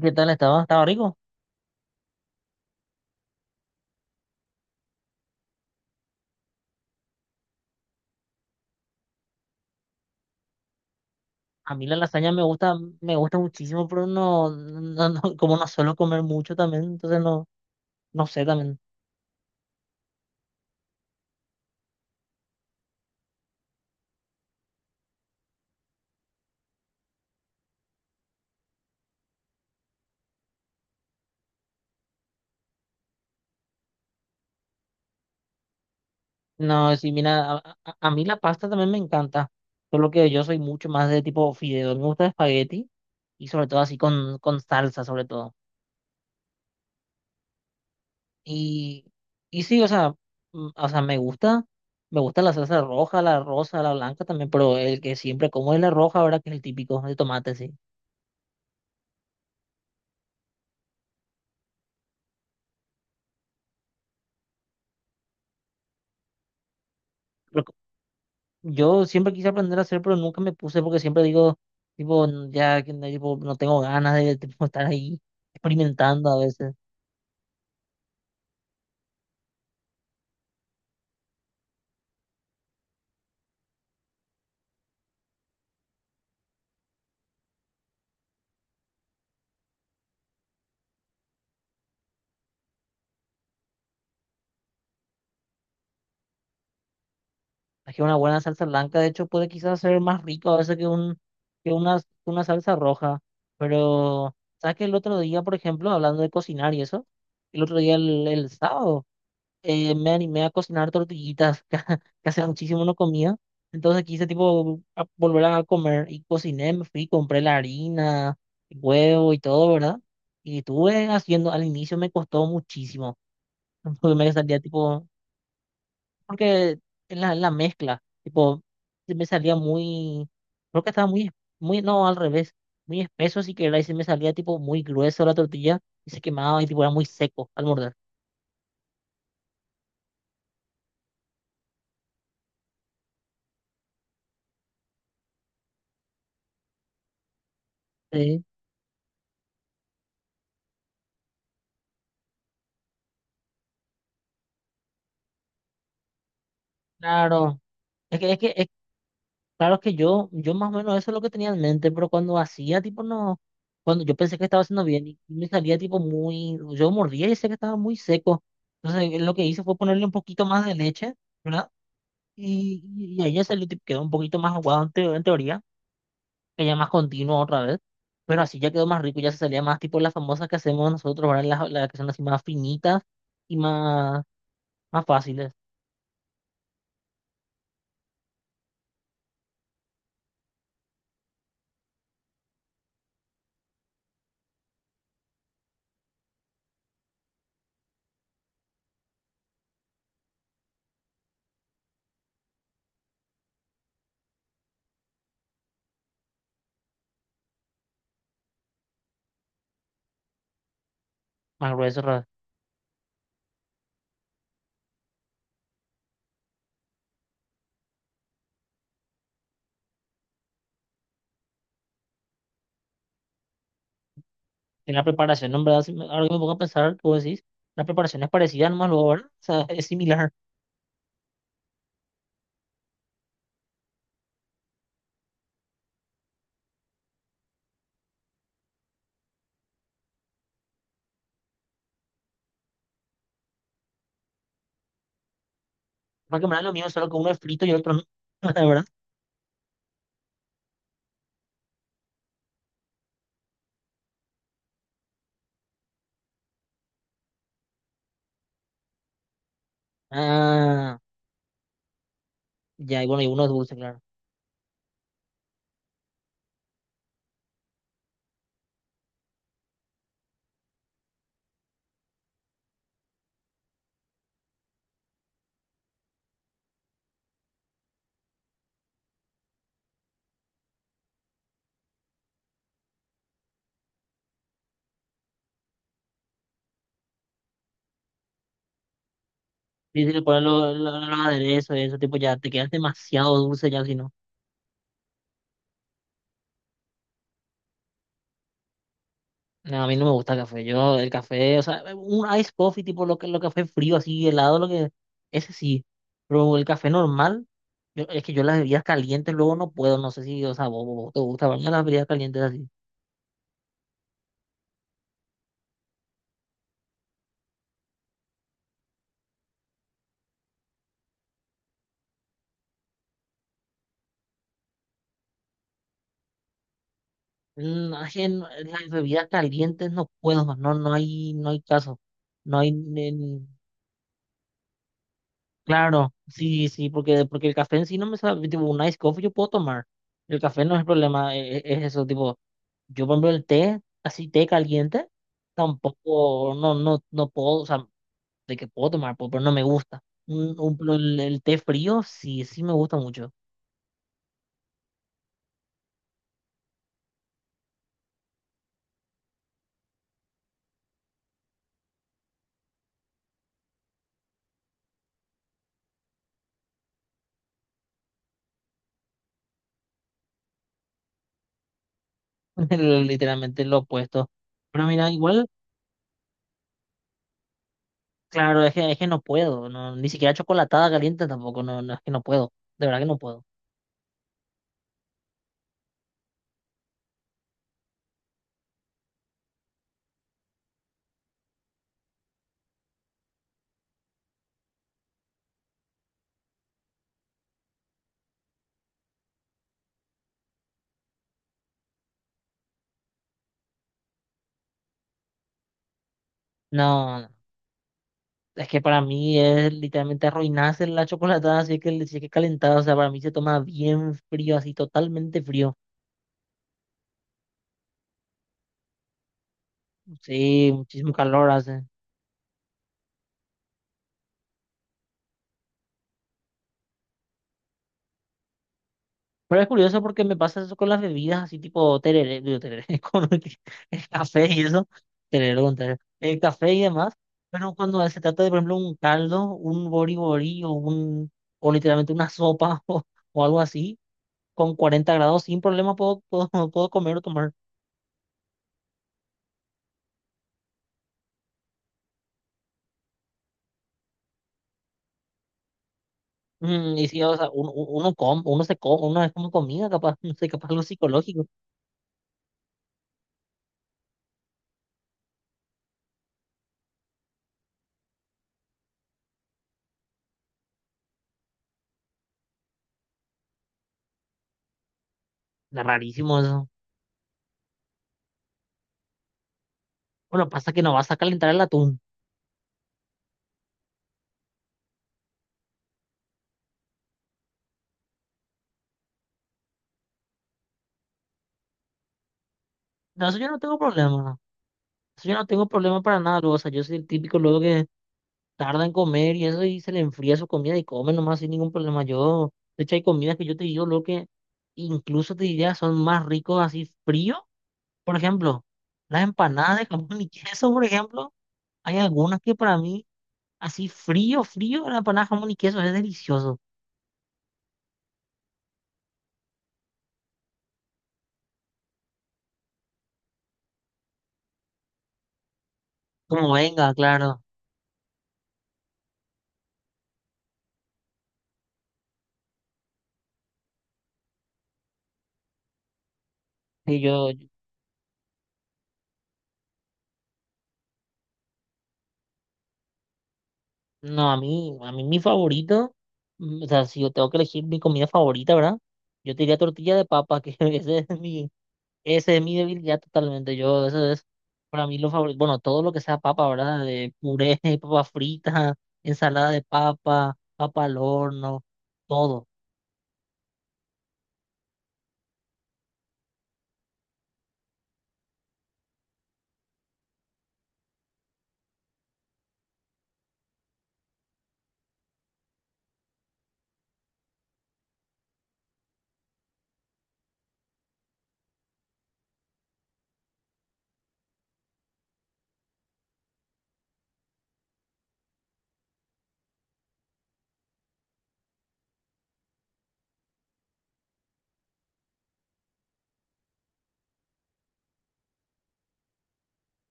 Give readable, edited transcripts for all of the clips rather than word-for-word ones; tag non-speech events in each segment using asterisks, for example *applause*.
¿Qué tal? Estaba rico. A mí la lasaña me gusta muchísimo, pero *laughs* como no suelo comer mucho también, entonces no sé también. No, sí, mira, a mí la pasta también me encanta, solo que yo soy mucho más de tipo fideo. Me gusta espagueti y sobre todo así con salsa, sobre todo. Y, y sí, o sea, o sea, me gusta la salsa roja, la rosa, la blanca también, pero el que siempre como es la roja, ahora que es el típico de tomate, sí. Yo siempre quise aprender a hacer, pero nunca me puse porque siempre digo, tipo, "N- ya que no, tipo, no tengo ganas de tipo, *laughs* estar ahí experimentando a veces. Es que una buena salsa blanca, de hecho, puede quizás ser más rico a veces que una salsa roja. Pero, ¿sabes que el otro día, por ejemplo, hablando de cocinar y eso, el otro día, el sábado, me animé a cocinar tortillitas, *laughs* que hace muchísimo no comía. Entonces quise tipo volver a comer y cociné, me fui, compré la harina, huevo y todo, ¿verdad? Y estuve haciendo, al inicio me costó muchísimo, *laughs* porque me salía tipo, porque es la mezcla, tipo, se me salía muy, creo que estaba muy, muy, no, al revés, muy espeso si que y se me salía tipo muy grueso la tortilla y se quemaba y tipo era muy seco al morder. Sí, claro. Es que, es que, Claro que yo más o menos eso es lo que tenía en mente, pero cuando hacía, tipo, no, cuando yo pensé que estaba haciendo bien y me salía, tipo, muy, yo mordía y sé que estaba muy seco. Entonces, lo que hice fue ponerle un poquito más de leche, ¿verdad? Y ahí ya salió, tipo, quedó un poquito más aguado en, en teoría, que ya más continuo otra vez, pero así ya quedó más rico, ya se salía más, tipo, las famosas que hacemos nosotros, ¿verdad? Las que son así más finitas y más, más fáciles, más gruesas en la preparación, ¿no? En verdad, si ahora que me pongo a pensar, tú decís, la preparación es parecida nomás luego, ¿verdad? O sea, es similar. Porque en verdad lo mío, solo que uno es frito y el otro no, *laughs* ¿verdad? Ah, ya, y bueno, y uno es dulce, claro. Y si le ponen los aderezos y eso, tipo, ya te quedas demasiado dulce ya, si no. No, a mí no me gusta el café. Yo, el café, o sea, un ice coffee, tipo, lo que, lo café frío, así, helado, lo que, ese sí. Pero el café normal, es que yo las bebidas calientes luego no puedo, no sé si, o sea, vos te gusta, ¿verdad? Las bebidas calientes así. No, es que las bebidas calientes no puedo, no, no hay caso. No hay, nen- claro, sí, sí, porque el café en sí no me sabe, tipo, un ice coffee yo puedo tomar. El café no es el problema, es, eso, tipo, yo por ejemplo el té, así té caliente, tampoco, no puedo, o sea, de que puedo tomar, puedo, pero no me gusta. Pero el té frío, sí, sí me gusta mucho. *laughs* Literalmente lo opuesto. Pero mira, igual claro, es que no puedo, no, ni siquiera chocolatada caliente tampoco, es que no puedo, de verdad que no puedo. No, no, es que para mí es literalmente arruinarse la chocolatada si es que, si es que calentada, o sea, para mí se toma bien frío, así totalmente frío. Sí, muchísimo calor hace. Pero es curioso porque me pasa eso con las bebidas, así tipo tereré, digo, tereré, *laughs* con el café y eso, tereré con tereré, el café y demás, pero cuando se trata de, por ejemplo, un caldo, un bori-bori o un, o literalmente una sopa *laughs* o algo así, con 40 grados, sin problema puedo, puedo, *laughs* puedo comer o tomar. Mm, y sí, o sea, uno, uno, come, uno se come, uno es como comida, capaz, *laughs* no sé, capaz algo psicológico, es rarísimo eso. Bueno, pasa que no vas a calentar el atún, no, eso yo no tengo problema. Eso yo no tengo problema para nada, luego, o sea, yo soy el típico luego que tarda en comer y eso y se le enfría su comida y come nomás sin ningún problema. Yo, de hecho, hay comidas que yo te digo luego que incluso te diría son más ricos así frío. Por ejemplo, las empanadas de jamón y *laughs* queso, por ejemplo, hay algunas que para mí así frío, frío, la empanada de jamón y queso es delicioso. Como venga, claro. Y yo, no, a mí mi favorito, mm, o sea, si yo tengo que elegir mi comida favorita, ¿verdad? Yo te diría tortilla de papa, que *laughs* ese es mi Esa es mi debilidad totalmente. Yo, eso es para mí lo favorito. Bueno, todo lo que sea papa, ¿verdad? De puré, *laughs* papa frita, ensalada de papa, papa al horno, todo.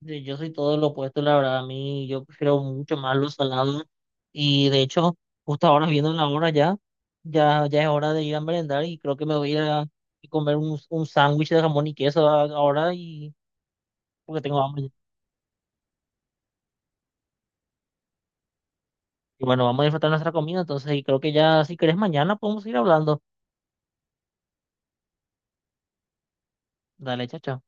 Yo soy todo lo opuesto, la verdad. A mí, yo prefiero mucho más los salados. Y de hecho, justo ahora viendo la hora ya, ya es hora de ir a merendar y creo que me voy a ir a comer un sándwich de jamón y queso ahora y porque tengo hambre. Y bueno, vamos a disfrutar nuestra comida, entonces, y creo que ya, si querés, mañana podemos ir hablando. Dale, chao, chao.